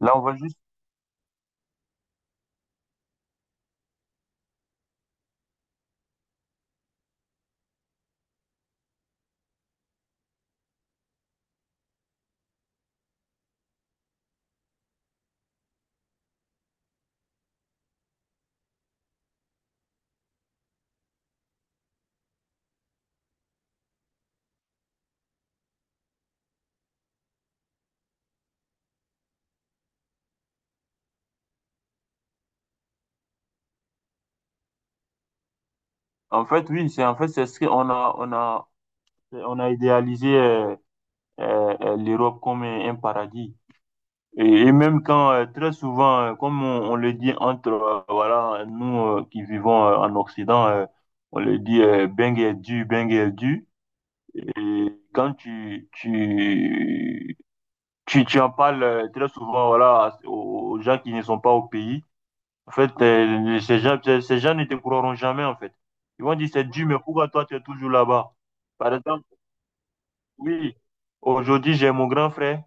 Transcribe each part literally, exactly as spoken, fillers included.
Là, on va juste. En fait, oui, c'est en fait c'est ce qu'on a on a on a idéalisé euh, euh, euh, l'Europe comme un un paradis. Et, et même quand euh, très souvent, euh, comme on, on le dit entre euh, voilà nous euh, qui vivons euh, en Occident, euh, on le dit euh, bang et du bang et du. Et quand tu tu tu, tu en parles euh, très souvent voilà aux aux gens qui ne sont pas au pays. En fait, euh, ces gens, ces ces gens ne te croiront jamais, en fait. Ils vont dire, c'est Dieu, mais pourquoi toi, tu es toujours là-bas? Par exemple, oui, aujourd'hui, j'ai mon grand frère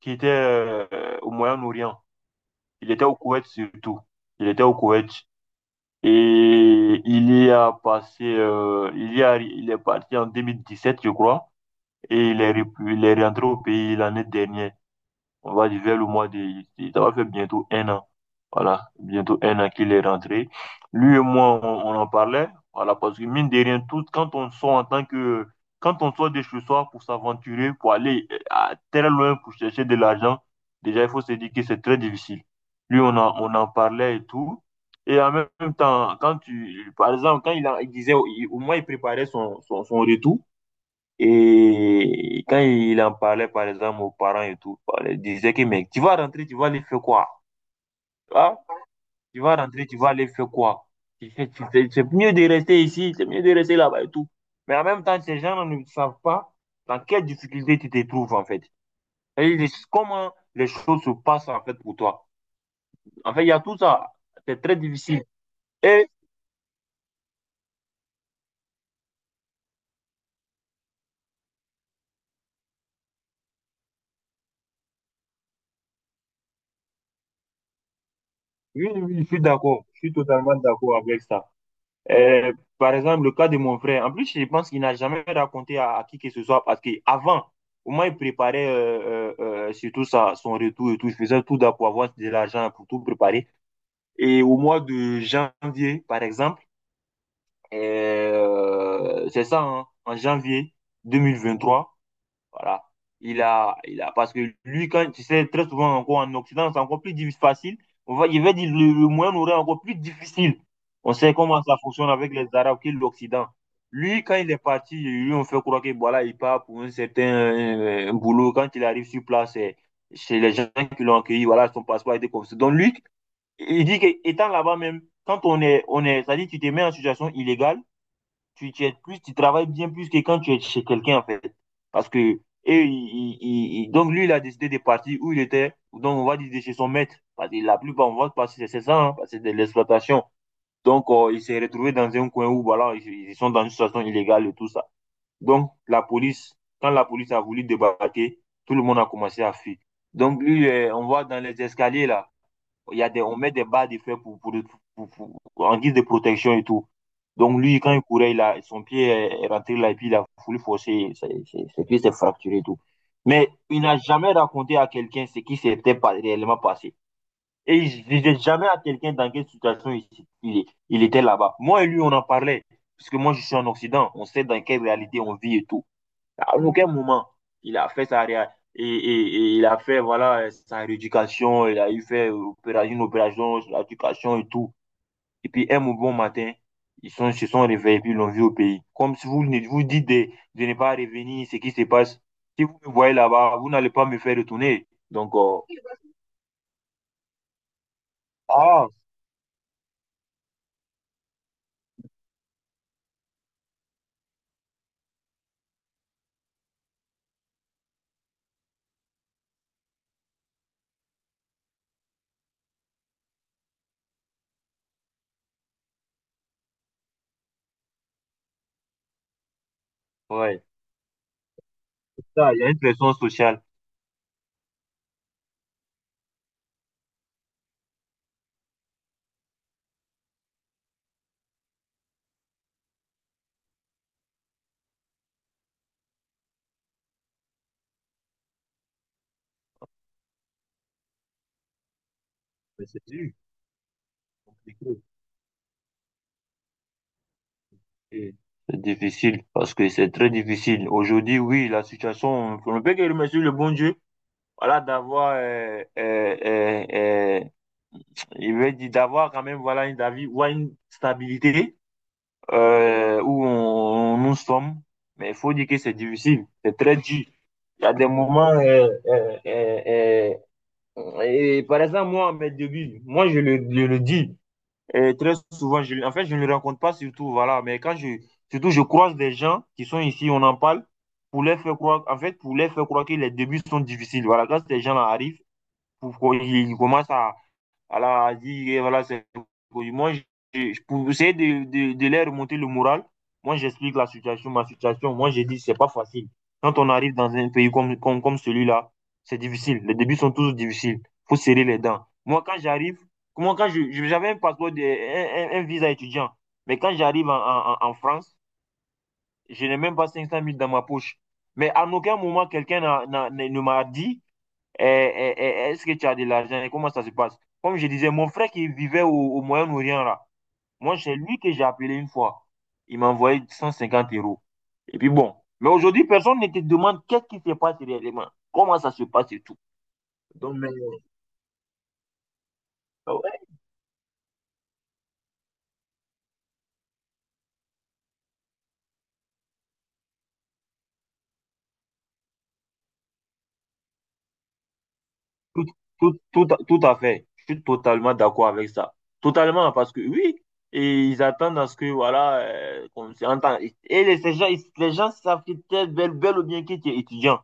qui était euh, au Moyen-Orient. Il était au Koweït surtout. Il était au Koweït. Et il y a passé, euh, il y a, il est parti en deux mille dix-sept, je crois, et il est, repu- il est rentré au pays l'année dernière. On va dire vers le mois de. Ça va faire bientôt un an. Voilà, bientôt un an qu'il est rentré. Lui et moi, on, on en parlait. Voilà, parce que mine de rien, tout, quand on sort en tant que. Quand on sort de chez soi pour s'aventurer, pour aller euh, à très loin pour chercher de l'argent, déjà, il faut se dire que c'est très difficile. Lui, on en, on en parlait et tout. Et en même temps, quand tu. Par exemple, quand il, a- il disait... il- au moins, il préparait son, son, son retour. Et quand il en parlait, par exemple, aux parents et tout, il disait que, mec, tu vas rentrer, tu vas aller faire quoi? Ah, tu vas rentrer, tu vas aller faire quoi? Tu fais- tu fais- C'est mieux de rester ici, c'est mieux de rester là-bas et tout. Mais en même temps, ces gens ne savent pas dans quelle difficulté tu te trouves, en fait. Et ils- comment les choses se passent, en fait, pour toi. En fait, il y a tout ça. C'est très difficile. Et oui, oui, je suis d'accord. Je suis totalement d'accord avec ça. Euh, par exemple, le cas de mon frère. En plus, je pense qu'il n'a jamais raconté à, à qui que ce soit parce qu'avant, au moins, il préparait euh, euh, euh, surtout sa, son retour et tout. Il faisait tout d'abord pour avoir de l'argent, pour tout préparer. Et au mois de janvier, par exemple, euh, c'est ça, hein, en janvier deux mille vingt trois voilà. Il a, il a, parce que lui, quand tu sais, très souvent encore en Occident, c'est encore plus difficile, facile. On va, il va dire le, le moyen aurait encore plus difficile. On sait comment ça fonctionne avec les Arabes qui est l'Occident. Lui, quand il est parti, lui, on fait croire que voilà, il part pour un certain euh, un boulot. Quand il arrive sur place, eh, chez les gens qui l'ont accueilli, voilà, son passeport a été confisqué. Donc lui, il dit que étant là-bas même, quand on est, on est, c'est-à-dire tu te mets en situation illégale, tu, tu aides plus, tu travailles bien plus que quand tu es chez quelqu'un, en fait. Parce que, et, il, il- il- donc lui, il a décidé de partir où il était, donc on va dire de chez son maître. Parce que la plupart, on va passer, c'est ça, hein, parce que c'est de l'exploitation. Donc, euh, il s'est retrouvé dans un coin où, voilà, ils, ils sont dans une situation illégale et tout ça. Donc, la police, quand la police a voulu débarquer, tout le monde a commencé à fuir. Donc, lui, euh, on voit dans les escaliers, là, il y a des, on met des barres de fer pour, pour, pour- pour- en guise de protection et tout. Donc lui, quand il courait, il a, son pied est est rentré là et puis il a voulu forcer, ses, ses- ses pieds s'est fracturé et tout. Mais il n'a jamais raconté à quelqu'un ce qui s'était pas- réellement passé. Et il ne disait jamais à quelqu'un dans quelle situation il, s- il- il était là-bas. Moi et lui, on en parlait. Parce que moi, je suis en Occident. On sait dans quelle réalité on vit et tout. À aucun moment, il a fait sa réa- et, et- et il a fait voilà euh, sa rééducation, il a eu fait opéra- une opération sur l'éducation et tout. Et puis un bon matin, ils sont, se sont réveillés et puis ils l'ont vu au pays. Comme si vous ne- vous dites de, de ne pas revenir, ce qui se passe. Si vous me voyez là-bas, vous n'allez pas me faire retourner. Donc, euh, ah, ouais, ça, il y a une pression sociale. Mais c'est dur, compliqué. Et c'est difficile parce que c'est très difficile. Aujourd'hui, oui, la situation, on ne peut que remercier le bon Dieu. Voilà, d'avoir, euh, euh, euh, euh, il veut dire d'avoir quand même, voilà, une, avis- ouais, une stabilité euh, où on, nous sommes. Mais il faut dire que c'est difficile, c'est très dur. Il y a des moments, euh, euh, euh, euh, et par exemple, moi, à mes débuts, moi, je le, je le dis euh, très souvent, je, en fait, je ne le rencontre pas surtout, voilà, mais quand je, surtout, je croise des gens qui sont ici, on en parle, pour les faire croire, en fait, pour les faire croire que les débuts sont difficiles, voilà, quand ces gens-là arrivent, pour- il commence à, à la à dire, eh, voilà, c'est. Moi, je- je- pour essayer de, de, de leur remonter le moral, moi, j'explique la situation, ma situation. Moi, j'ai dit, c'est pas facile. Quand on arrive dans un pays comme, comme, comme celui-là, c'est difficile. Les débuts sont toujours difficiles. Il faut serrer les dents. Moi, quand j'arrive, comment quand je, j'avais un passeport, de, un, un- un visa étudiant, mais quand j'arrive en, en, en France, je n'ai même pas cinq cent mille dans ma poche. Mais à aucun moment, quelqu'un n'a, n'a- ne m'a dit euh, euh, est-ce que tu as de l'argent et comment ça se passe? Comme je disais, mon frère qui vivait au, au Moyen-Orient, là, moi, c'est lui que j'ai appelé une fois. Il m'a envoyé cent cinquante euros. Et puis bon. Mais aujourd'hui, personne ne te demande qu'est-ce qui se passe réellement, comment ça se passe et tout. Donc, mais, euh, ouais, tout, tout, tout, à- tout à fait. Je suis totalement d'accord avec ça. Totalement, parce que oui, et ils attendent à ce que, voilà, euh, qu'on s'entende. Et les, ces gens, ils- les gens savent que t'es bel, bel ou bien que tu es étudiant.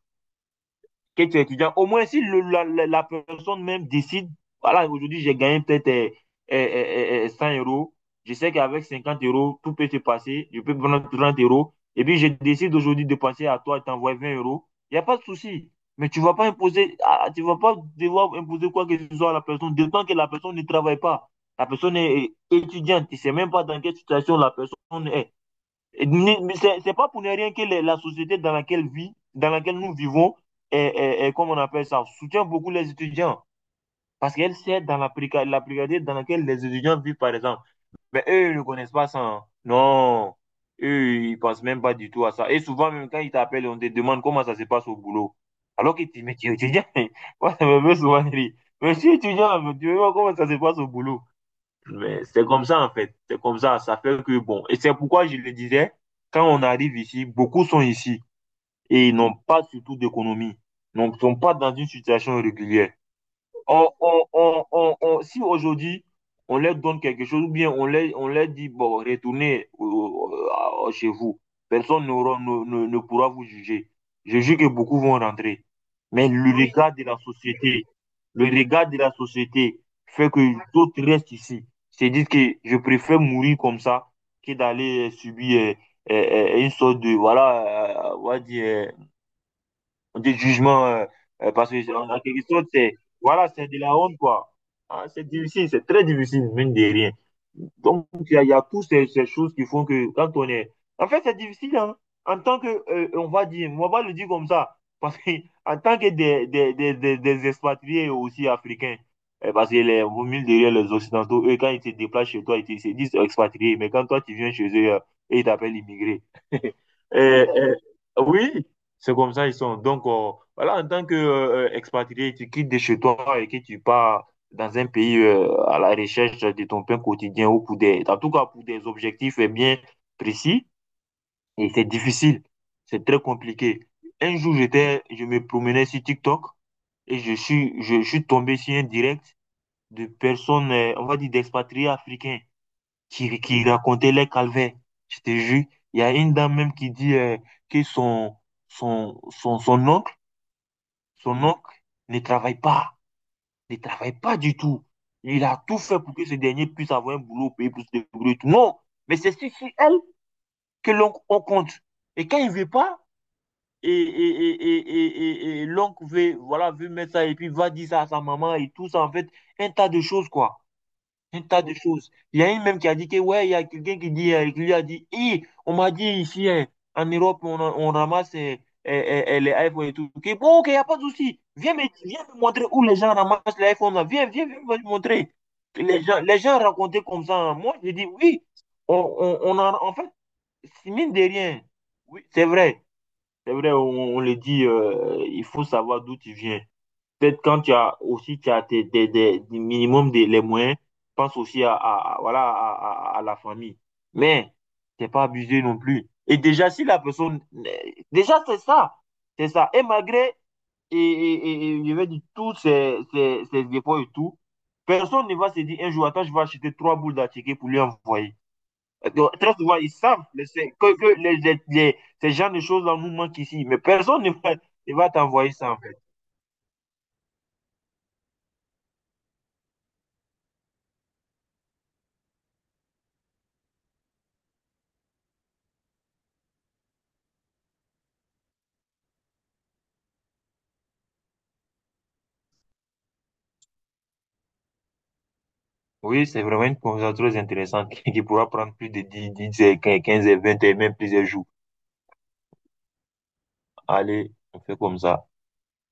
Que tu es étudiant, au moins si le- la, la- la personne même décide, voilà, aujourd'hui j'ai gagné peut-être eh eh eh cent euros, je sais qu'avec cinquante euros, tout peut se passer, je peux prendre trente euros, et puis je décide aujourd'hui de penser à toi et t'envoyer vingt euros, il n'y a pas de souci. Mais tu ne vas pas imposer, ah, ah, tu vas pas devoir imposer quoi que ce soit à la personne, d'autant que la personne ne travaille pas. La personne est étudiante, tu ne sais même pas dans quelle situation la personne est. C'est pas pour ne rien que la société dans laquelle vit, dans laquelle nous vivons, et, et, et comme on appelle ça, soutient beaucoup les étudiants. Parce qu'elle sait dans la, préca- précarité dans laquelle les étudiants vivent, par exemple. Mais eux, ils ne connaissent pas ça. Hein. Non. Eux, ils ne pensent même pas du tout à ça. Et souvent, même quand ils t'appellent, on te demande comment ça se passe au boulot. Alors que tu, tu es étudiant. Moi, ça me fait souvent rire. Mais je suis étudiant, mais tu veux voir comment ça se passe au boulot. Mais c'est comme ça, en fait. C'est comme ça. Ça fait que, bon, et c'est pourquoi je le disais, quand on arrive ici, beaucoup sont ici et ils n'ont pas surtout d'économie. Donc, ils ne sont pas dans une situation régulière. On, on, on, on, on- si aujourd'hui, on leur donne quelque chose, ou bien on leur, on leur dit, bon, retournez au- au- chez vous, personne n'aura- ne, ne, ne pourra vous juger. Je jure que beaucoup vont rentrer. Mais le oui, regard de la société, le regard de la société fait que d'autres restent ici. C'est dire que je préfère mourir comme ça que d'aller euh, subir euh, euh, euh, une sorte de, voilà, euh, on va dire, euh, des jugements, euh, euh, parce que en, en quelque sorte, c'est, voilà, c'est de la honte, quoi. Hein, c'est difficile, c'est très difficile, mine de rien. Donc, il y a, il y a toutes ces, ces choses qui font que quand on est. En fait, c'est difficile, hein. En tant que, euh, on va dire, on va le dire comme ça, parce que en tant que des, des, des, des, des expatriés aussi africains, euh, parce que les, vous mille derrière les Occidentaux, eux, quand ils se déplacent chez toi, ils te- ils se disent expatriés, mais quand toi, tu viens chez eux, euh, ils t'appellent immigré. Et, et- oui, c'est comme ça ils sont. Donc, euh, voilà, en tant que euh, euh, expatrié, tu quittes de chez toi et que tu pars dans un pays euh, à la recherche de ton pain quotidien ou pour des, en tout cas pour des objectifs eh bien précis. Et c'est difficile, c'est très compliqué. Un jour, j'étais, je me promenais sur TikTok et je suis, je, suis tombé sur un direct de personnes, euh, on va dire, d'expatriés africains qui, qui racontait les calvaires. Je te jure, il y a une dame même qui dit euh, que son, son, son, son oncle, son oncle, ne travaille pas, ne travaille pas du tout. Il a tout fait pour que ce dernier puisse avoir un boulot, payer plus de débrouiller et tout. Non, mais c'est sur sur elle que l'oncle on compte. Et quand il ne veut pas, et, et, et, et, et, et l'oncle veut, voilà, veut mettre ça et puis va dire ça à sa maman et tout ça, en fait, un tas de choses, quoi. Un tas de choses. Il y a une même qui a dit que, ouais, il y a quelqu'un qui dit, euh, qui lui a dit, Hi, on m'a dit ici, euh, en Europe, on, on ramasse euh, euh, euh, les iPhones et tout. Ok, bon, ok, il n'y a pas de souci. Viens me, viens me montrer où les gens ramassent les iPhones là. Viens, viens, viens me montrer. Les gens, les gens racontaient comme ça. Hein. Moi, je dis, oui, on, on, on en, en fait, c'est mine de rien. Oui, c'est vrai. C'est vrai, on, on le dit, euh, il faut savoir d'où tu viens. Peut-être quand tu as aussi tu as tes, des, des, des minimum des, les moyens, pense aussi à, à- à- voilà, à, à- à la famille. Mais t'es pas abusé non plus. Et déjà, si la personne. Déjà, c'est ça. C'est ça. Et malgré, et, et, et- et je vais dire, tous ces, ces, ces efforts et tout, personne ne va se dire un jour, attends, je vais acheter trois boules d'attiqué pour lui envoyer. Donc, très souvent, ils savent mais c'est- que, que les, les, les- ces genres de choses-là nous manquent ici. Mais personne ne va, ne va, t'envoyer ça. Oui, c'est vraiment une conversation très intéressante qui pourra prendre plus de dix, dix, quinze, vingt et même plusieurs jours. Allez, on fait comme ça.